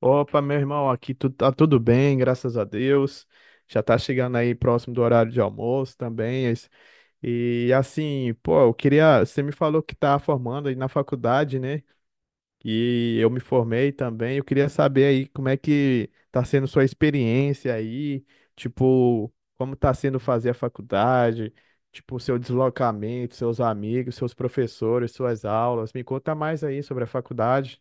Opa, meu irmão, aqui tu, tá tudo bem, graças a Deus. Já tá chegando aí próximo do horário de almoço também. E assim, pô, eu queria. Você me falou que tá formando aí na faculdade, né? E eu me formei também. Eu queria saber aí como é que tá sendo sua experiência aí, tipo, como tá sendo fazer a faculdade, tipo, seu deslocamento, seus amigos, seus professores, suas aulas. Me conta mais aí sobre a faculdade.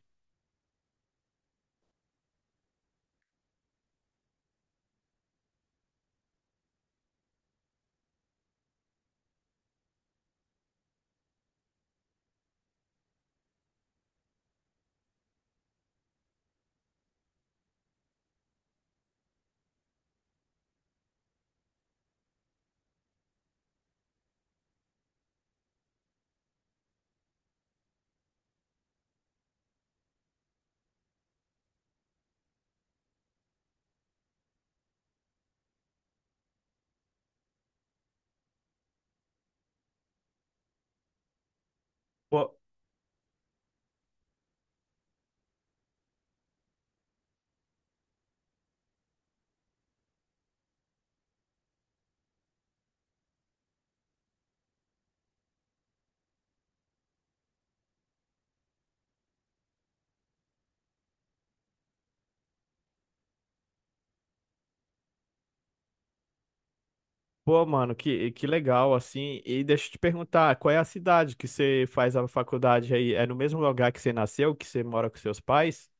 Pô, mano, que legal, assim. E deixa eu te perguntar, qual é a cidade que você faz a faculdade aí? É no mesmo lugar que você nasceu, que você mora com seus pais?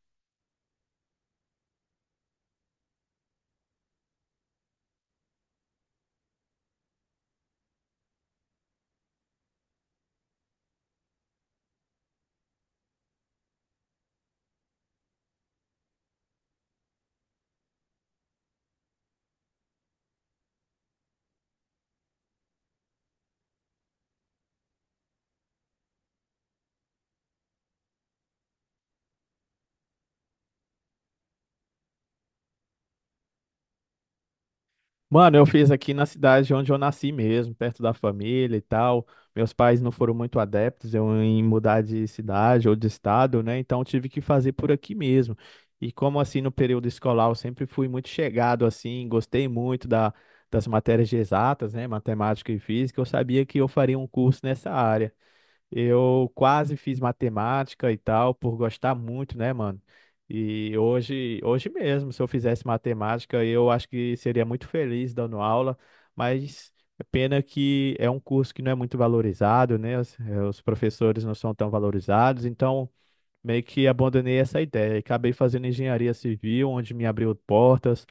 Mano, eu fiz aqui na cidade onde eu nasci mesmo, perto da família e tal. Meus pais não foram muito adeptos eu em mudar de cidade ou de estado, né? Então eu tive que fazer por aqui mesmo. E como assim no período escolar eu sempre fui muito chegado assim, gostei muito das matérias de exatas, né? Matemática e física, eu sabia que eu faria um curso nessa área. Eu quase fiz matemática e tal, por gostar muito, né, mano? E hoje mesmo, se eu fizesse matemática, eu acho que seria muito feliz dando aula, mas é pena que é um curso que não é muito valorizado, né? Os professores não são tão valorizados, então meio que abandonei essa ideia e acabei fazendo engenharia civil, onde me abriu portas,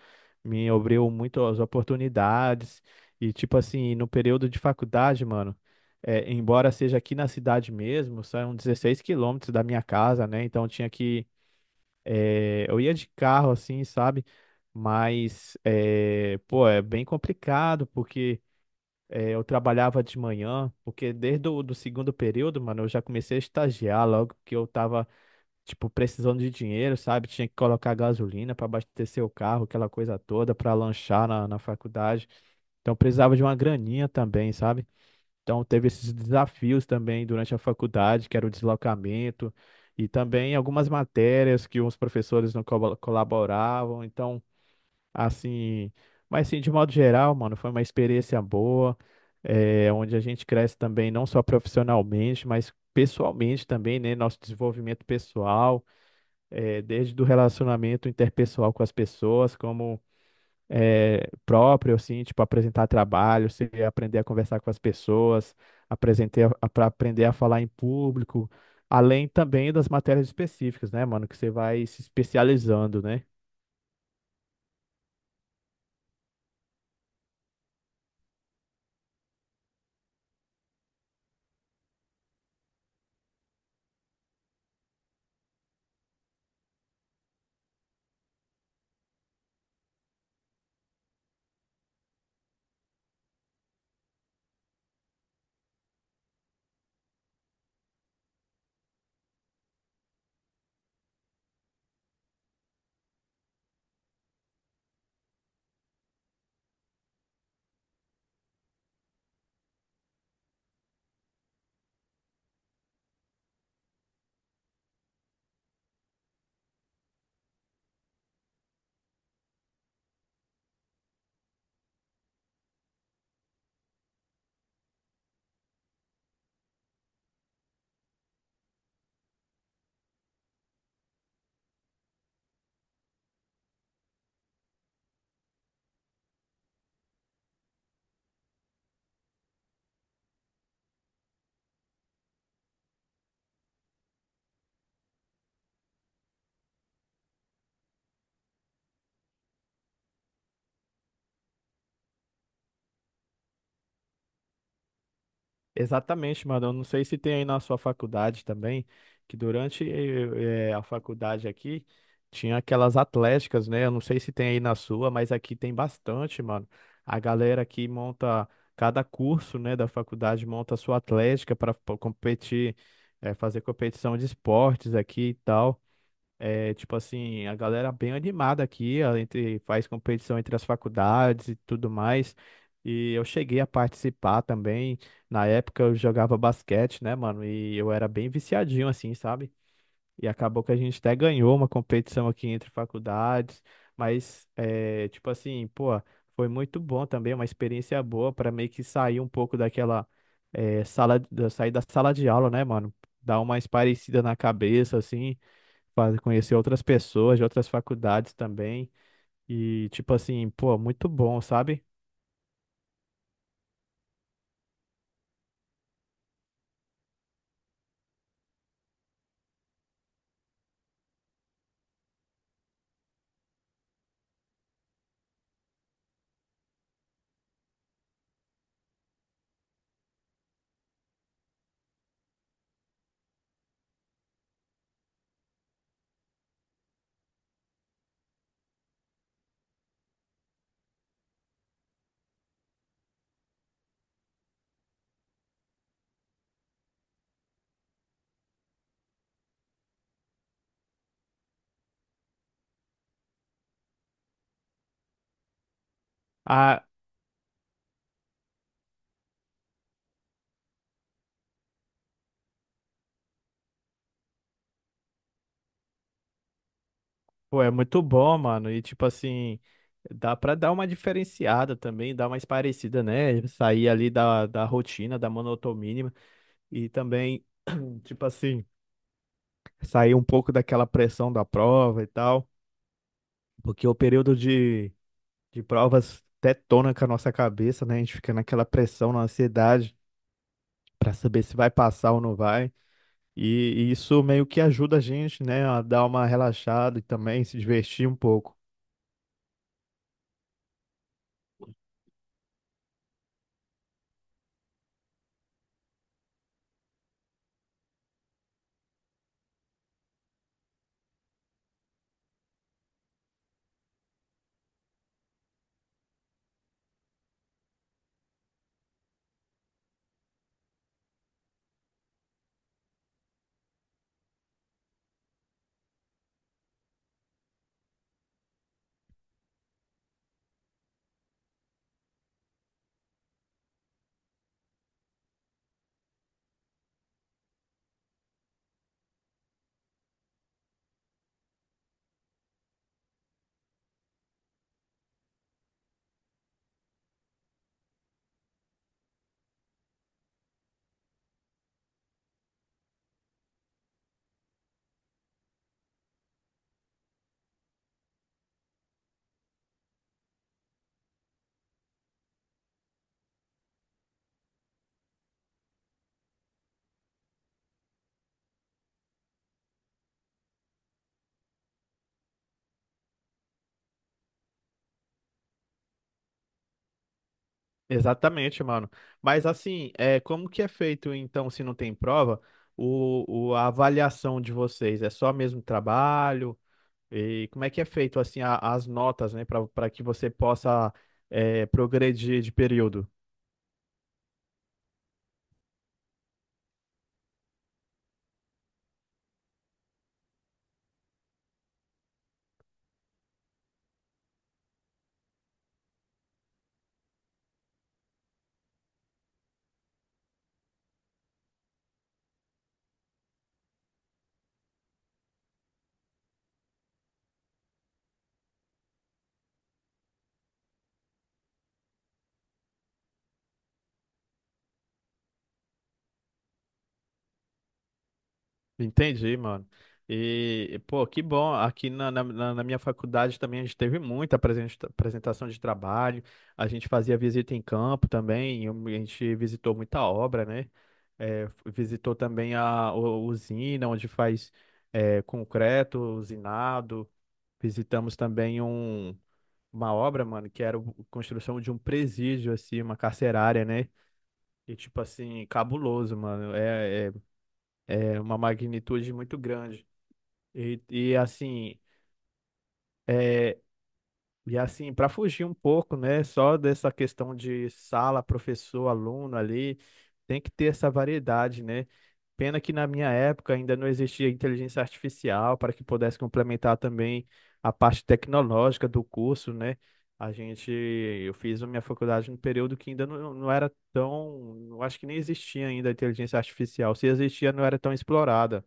me abriu muitas oportunidades. E, tipo assim, no período de faculdade, mano, é, embora seja aqui na cidade mesmo, são 16 quilômetros da minha casa, né? Então tinha que. É, eu ia de carro, assim, sabe? Mas, é, pô, é bem complicado, porque. É, eu trabalhava de manhã, porque desde o do segundo período, mano, eu já comecei a estagiar logo que eu tava tipo, precisando de dinheiro, sabe? Tinha que colocar gasolina para abastecer o carro, aquela coisa toda, para lanchar na faculdade. Então precisava de uma graninha também, sabe? Então teve esses desafios também durante a faculdade, que era o deslocamento, e também algumas matérias que os professores não colaboravam. Então, assim, mas assim, de modo geral, mano, foi uma experiência boa, é, onde a gente cresce também não só profissionalmente, mas pessoalmente também, né? Nosso desenvolvimento pessoal desde do relacionamento interpessoal com as pessoas, como próprio, assim, tipo, apresentar trabalho, você aprender a conversar com as pessoas, apresentar, para aprender a falar em público, além também das matérias específicas, né, mano, que você vai se especializando, né? Exatamente, mano. Eu não sei se tem aí na sua faculdade também, que durante a faculdade aqui tinha aquelas atléticas, né? Eu não sei se tem aí na sua, mas aqui tem bastante, mano. A galera aqui monta, cada curso, né, da faculdade monta a sua atlética para competir, fazer competição de esportes aqui e tal. É, tipo assim, a galera bem animada aqui, ó, entre, faz competição entre as faculdades e tudo mais. E eu cheguei a participar também. Na época eu jogava basquete, né, mano? E eu era bem viciadinho assim, sabe? E acabou que a gente até ganhou uma competição aqui entre faculdades. Mas, é, tipo assim, pô, foi muito bom também, uma experiência boa para meio que sair um pouco daquela, sair da sala de aula, né, mano? Dar uma espairecida na cabeça, assim conhecer outras pessoas de outras faculdades também. E, tipo assim, pô, muito bom, sabe? Ah, pô, é muito bom, mano. E, tipo assim, dá pra dar uma diferenciada também, dar mais parecida, né? Sair ali da rotina, da monotonia. E também, tipo assim, sair um pouco daquela pressão da prova e tal. Porque o de provas detona com a nossa cabeça, né? A gente fica naquela pressão, na ansiedade, pra saber se vai passar ou não vai. E, isso meio que ajuda a gente, né, a dar uma relaxada e também se divertir um pouco. Exatamente, mano. Mas assim, é, como que é feito então, se não tem prova, a avaliação de vocês? É só mesmo trabalho? E como é que é feito assim as notas, né, para que você possa é, progredir de período? Entendi, mano. E, pô, que bom. Aqui na minha faculdade também a gente teve muita apresentação de trabalho. A gente fazia visita em campo também. A gente visitou muita obra, né? É, visitou também usina, onde faz é, concreto, usinado. Visitamos também um, uma obra, mano, que era a construção de um presídio, assim, uma carcerária, né? E, tipo assim, cabuloso, mano. É uma magnitude muito grande. E, e assim, é, e assim, para fugir um pouco, né, só dessa questão de sala, professor, aluno ali, tem que ter essa variedade, né? Pena que na minha época ainda não existia inteligência artificial para que pudesse complementar também a parte tecnológica do curso, né? Eu fiz a minha faculdade num período que ainda não era tão, eu acho que nem existia ainda a inteligência artificial. Se existia, não era tão explorada.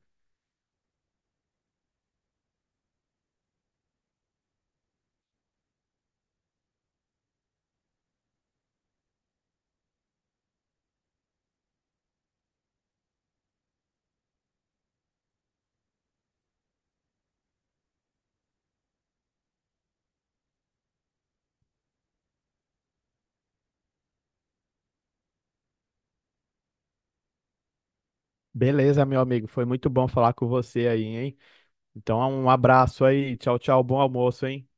Beleza, meu amigo, foi muito bom falar com você aí, hein? Então, um abraço aí. Tchau, tchau. Bom almoço, hein?